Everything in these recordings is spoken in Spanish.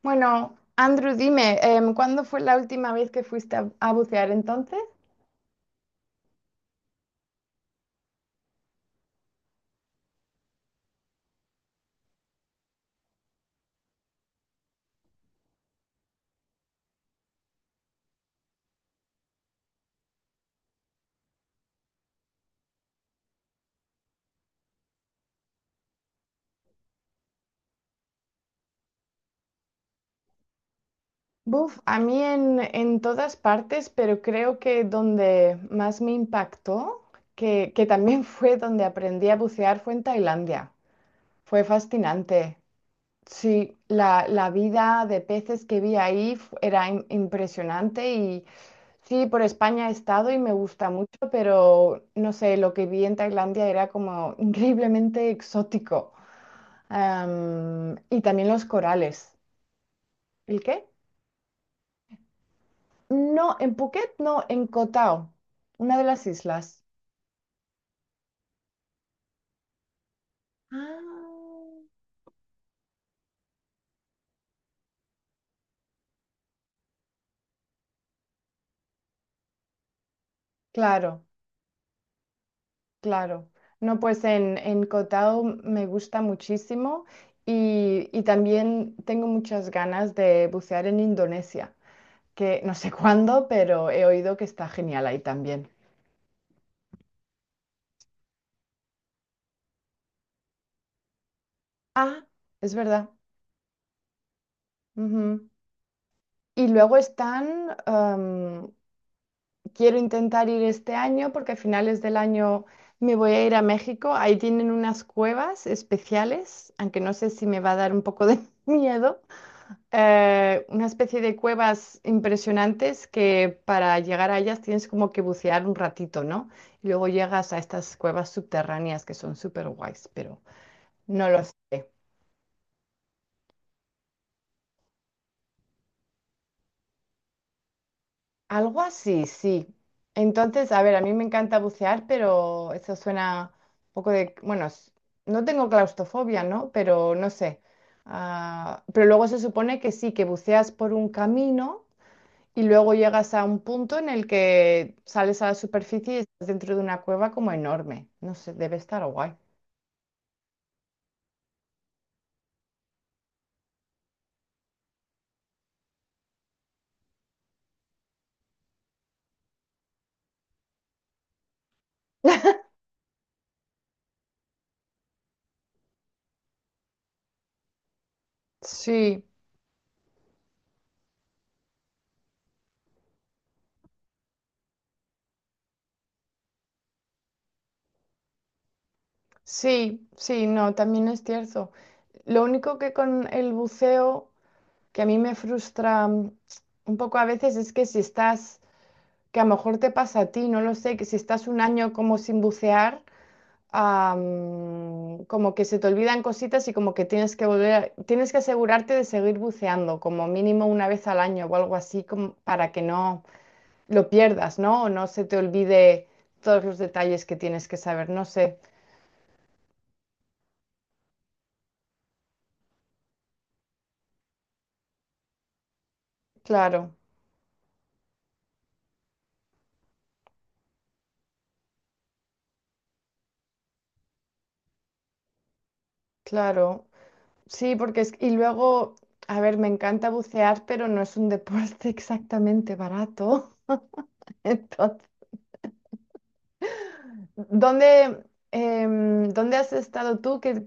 Bueno, Andrew, dime, ¿cuándo fue la última vez que fuiste a bucear entonces? Buf, a mí en todas partes, pero creo que donde más me impactó, que también fue donde aprendí a bucear, fue en Tailandia. Fue fascinante. Sí, la vida de peces que vi ahí era impresionante y sí, por España he estado y me gusta mucho, pero no sé, lo que vi en Tailandia era como increíblemente exótico. Y también los corales. ¿El qué? No, en Phuket, no, en Koh Tao, una de las islas. Ah. Claro, claro. No, pues en Koh Tao me gusta muchísimo y también tengo muchas ganas de bucear en Indonesia, que no sé cuándo, pero he oído que está genial ahí también. Ah, es verdad. Ujú. Y luego están, quiero intentar ir este año porque a finales del año me voy a ir a México. Ahí tienen unas cuevas especiales, aunque no sé si me va a dar un poco de miedo. Una especie de cuevas impresionantes que para llegar a ellas tienes como que bucear un ratito, ¿no? Y luego llegas a estas cuevas subterráneas que son súper guays, pero no lo sé. Algo así, sí. Entonces, a ver, a mí me encanta bucear, pero eso suena un poco de, bueno, no tengo claustrofobia, ¿no? Pero no sé. Ah, pero luego se supone que sí, que buceas por un camino y luego llegas a un punto en el que sales a la superficie y estás dentro de una cueva como enorme. No sé, debe estar guay. Sí, sí, sí, no, también es cierto. Lo único que con el buceo que a mí me frustra un poco a veces es que si estás, que a lo mejor te pasa a ti, no lo sé, que si estás un año como sin bucear, como que se te olvidan cositas y como que tienes que volver, tienes que asegurarte de seguir buceando, como mínimo una vez al año o algo así, como para que no lo pierdas, ¿no? O no se te olvide todos los detalles que tienes que saber, no sé. Claro, claro. Sí, porque es... Y luego, a ver, me encanta bucear, pero no es un deporte exactamente barato. Entonces, ¿dónde, dónde has estado tú? ¿Qué,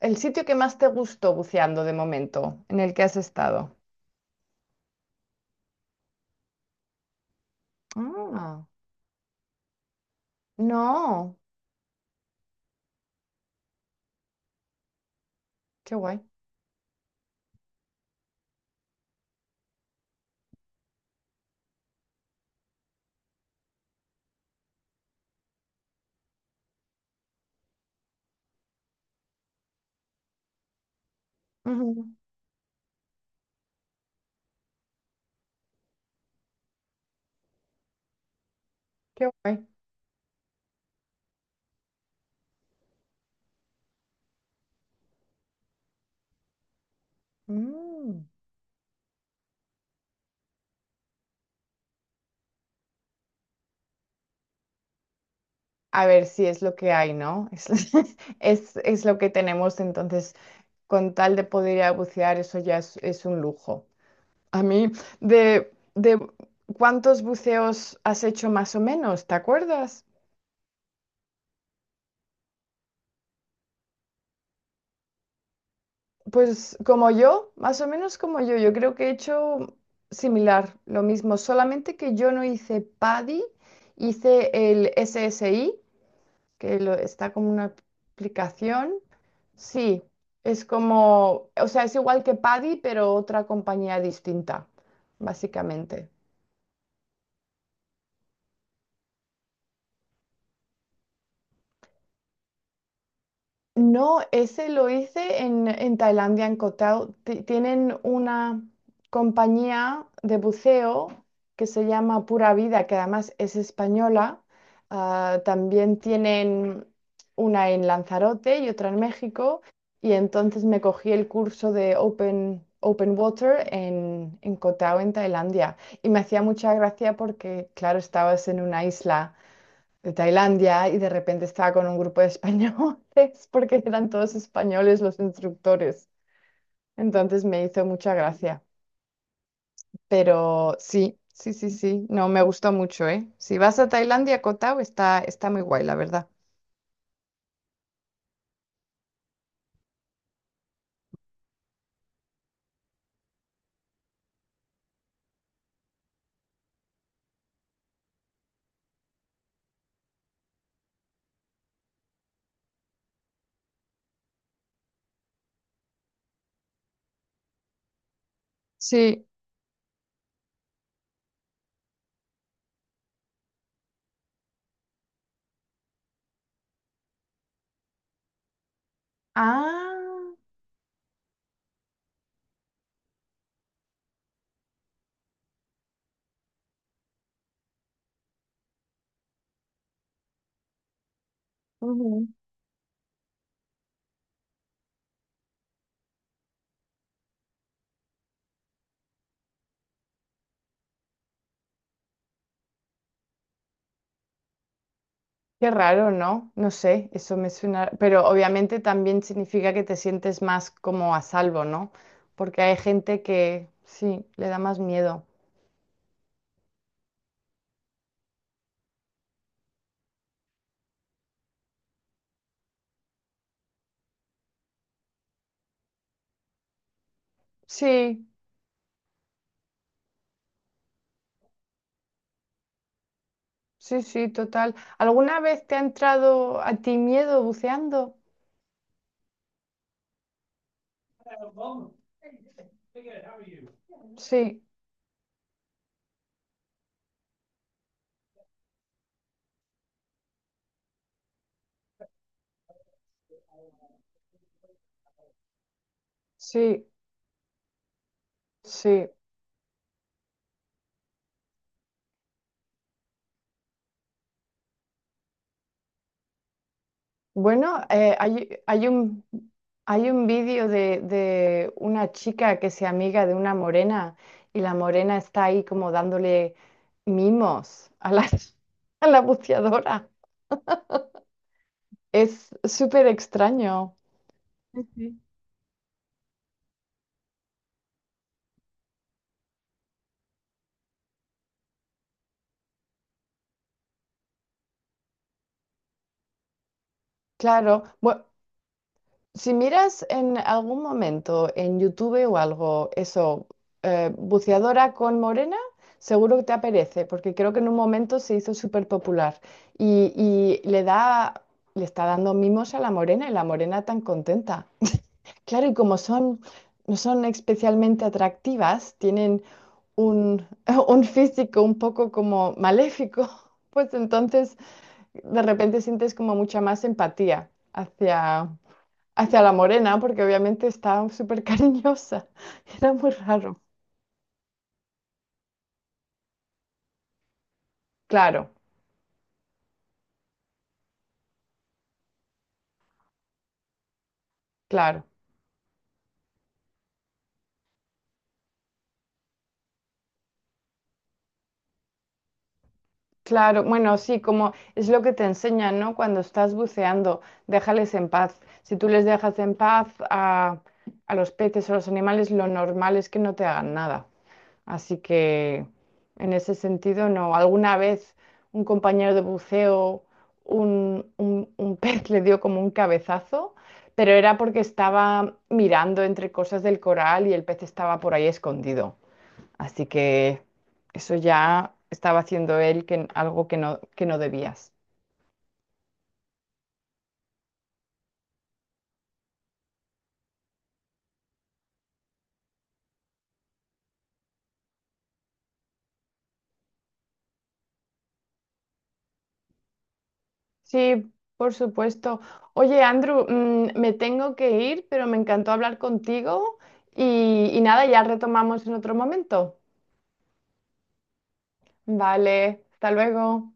el sitio que más te gustó buceando de momento, en el que has estado? Ah, no, qué guay. Ujú. Qué guay. Mm. A ver si es lo que hay, ¿no? Es, es lo que tenemos, entonces, con tal de poder ir a bucear, eso ya es un lujo. A mí, de cuántos buceos has hecho más o menos, ¿te acuerdas? Pues como yo, más o menos como yo creo que he hecho similar, lo mismo, solamente que yo no hice PADI, hice el SSI, que está como una aplicación. Sí, es como, o sea, es igual que PADI, pero otra compañía distinta, básicamente. No, ese lo hice en Tailandia, en Koh Tao. Tienen una compañía de buceo que se llama Pura Vida, que además es española. Ah, también tienen una en Lanzarote y otra en México. Y entonces me cogí el curso de Open, Open Water en Koh Tao, en Tailandia. Y me hacía mucha gracia porque, claro, estabas en una isla de Tailandia y de repente estaba con un grupo de españoles porque eran todos españoles los instructores. Entonces me hizo mucha gracia. Pero sí, sí, sí, sí, no, me gustó mucho, ¿eh? Si vas a Tailandia, Koh Tao está, está muy guay, la verdad. Sí. Ah, ujú. Qué raro, ¿no? No sé, eso me suena, pero obviamente también significa que te sientes más como a salvo, ¿no? Porque hay gente que sí, le da más miedo. Sí. Sí, sí, total. ¿Alguna vez te ha entrado a ti miedo buceando? Sí, sí, sí. Bueno, hay, hay un vídeo de una chica que se amiga de una morena y la morena está ahí como dándole mimos a la, a la buceadora. Es súper extraño. Sí. Claro, bueno, si miras en algún momento en YouTube o algo, eso, buceadora con morena, seguro que te aparece, porque creo que en un momento se hizo súper popular y, y le da, le está dando mimos a la morena y la morena tan contenta. Claro, y como son, no son especialmente atractivas, tienen un, un físico un poco como maléfico, pues entonces de repente sientes como mucha más empatía hacia hacia la morena, porque obviamente estaba súper cariñosa. Era muy raro. Claro, claro, claro. Bueno, sí, como es lo que te enseñan, ¿no? Cuando estás buceando, déjales en paz. Si tú les dejas en paz a los peces o los animales, lo normal es que no te hagan nada. Así que en ese sentido, no. Alguna vez un compañero de buceo, un pez le dio como un cabezazo, pero era porque estaba mirando entre cosas del coral y el pez estaba por ahí escondido. Así que eso ya estaba haciendo él que, algo que no debías. Sí, por supuesto. Oye, Andrew, me tengo que ir, pero me encantó hablar contigo y nada, ya retomamos en otro momento. Vale, hasta luego.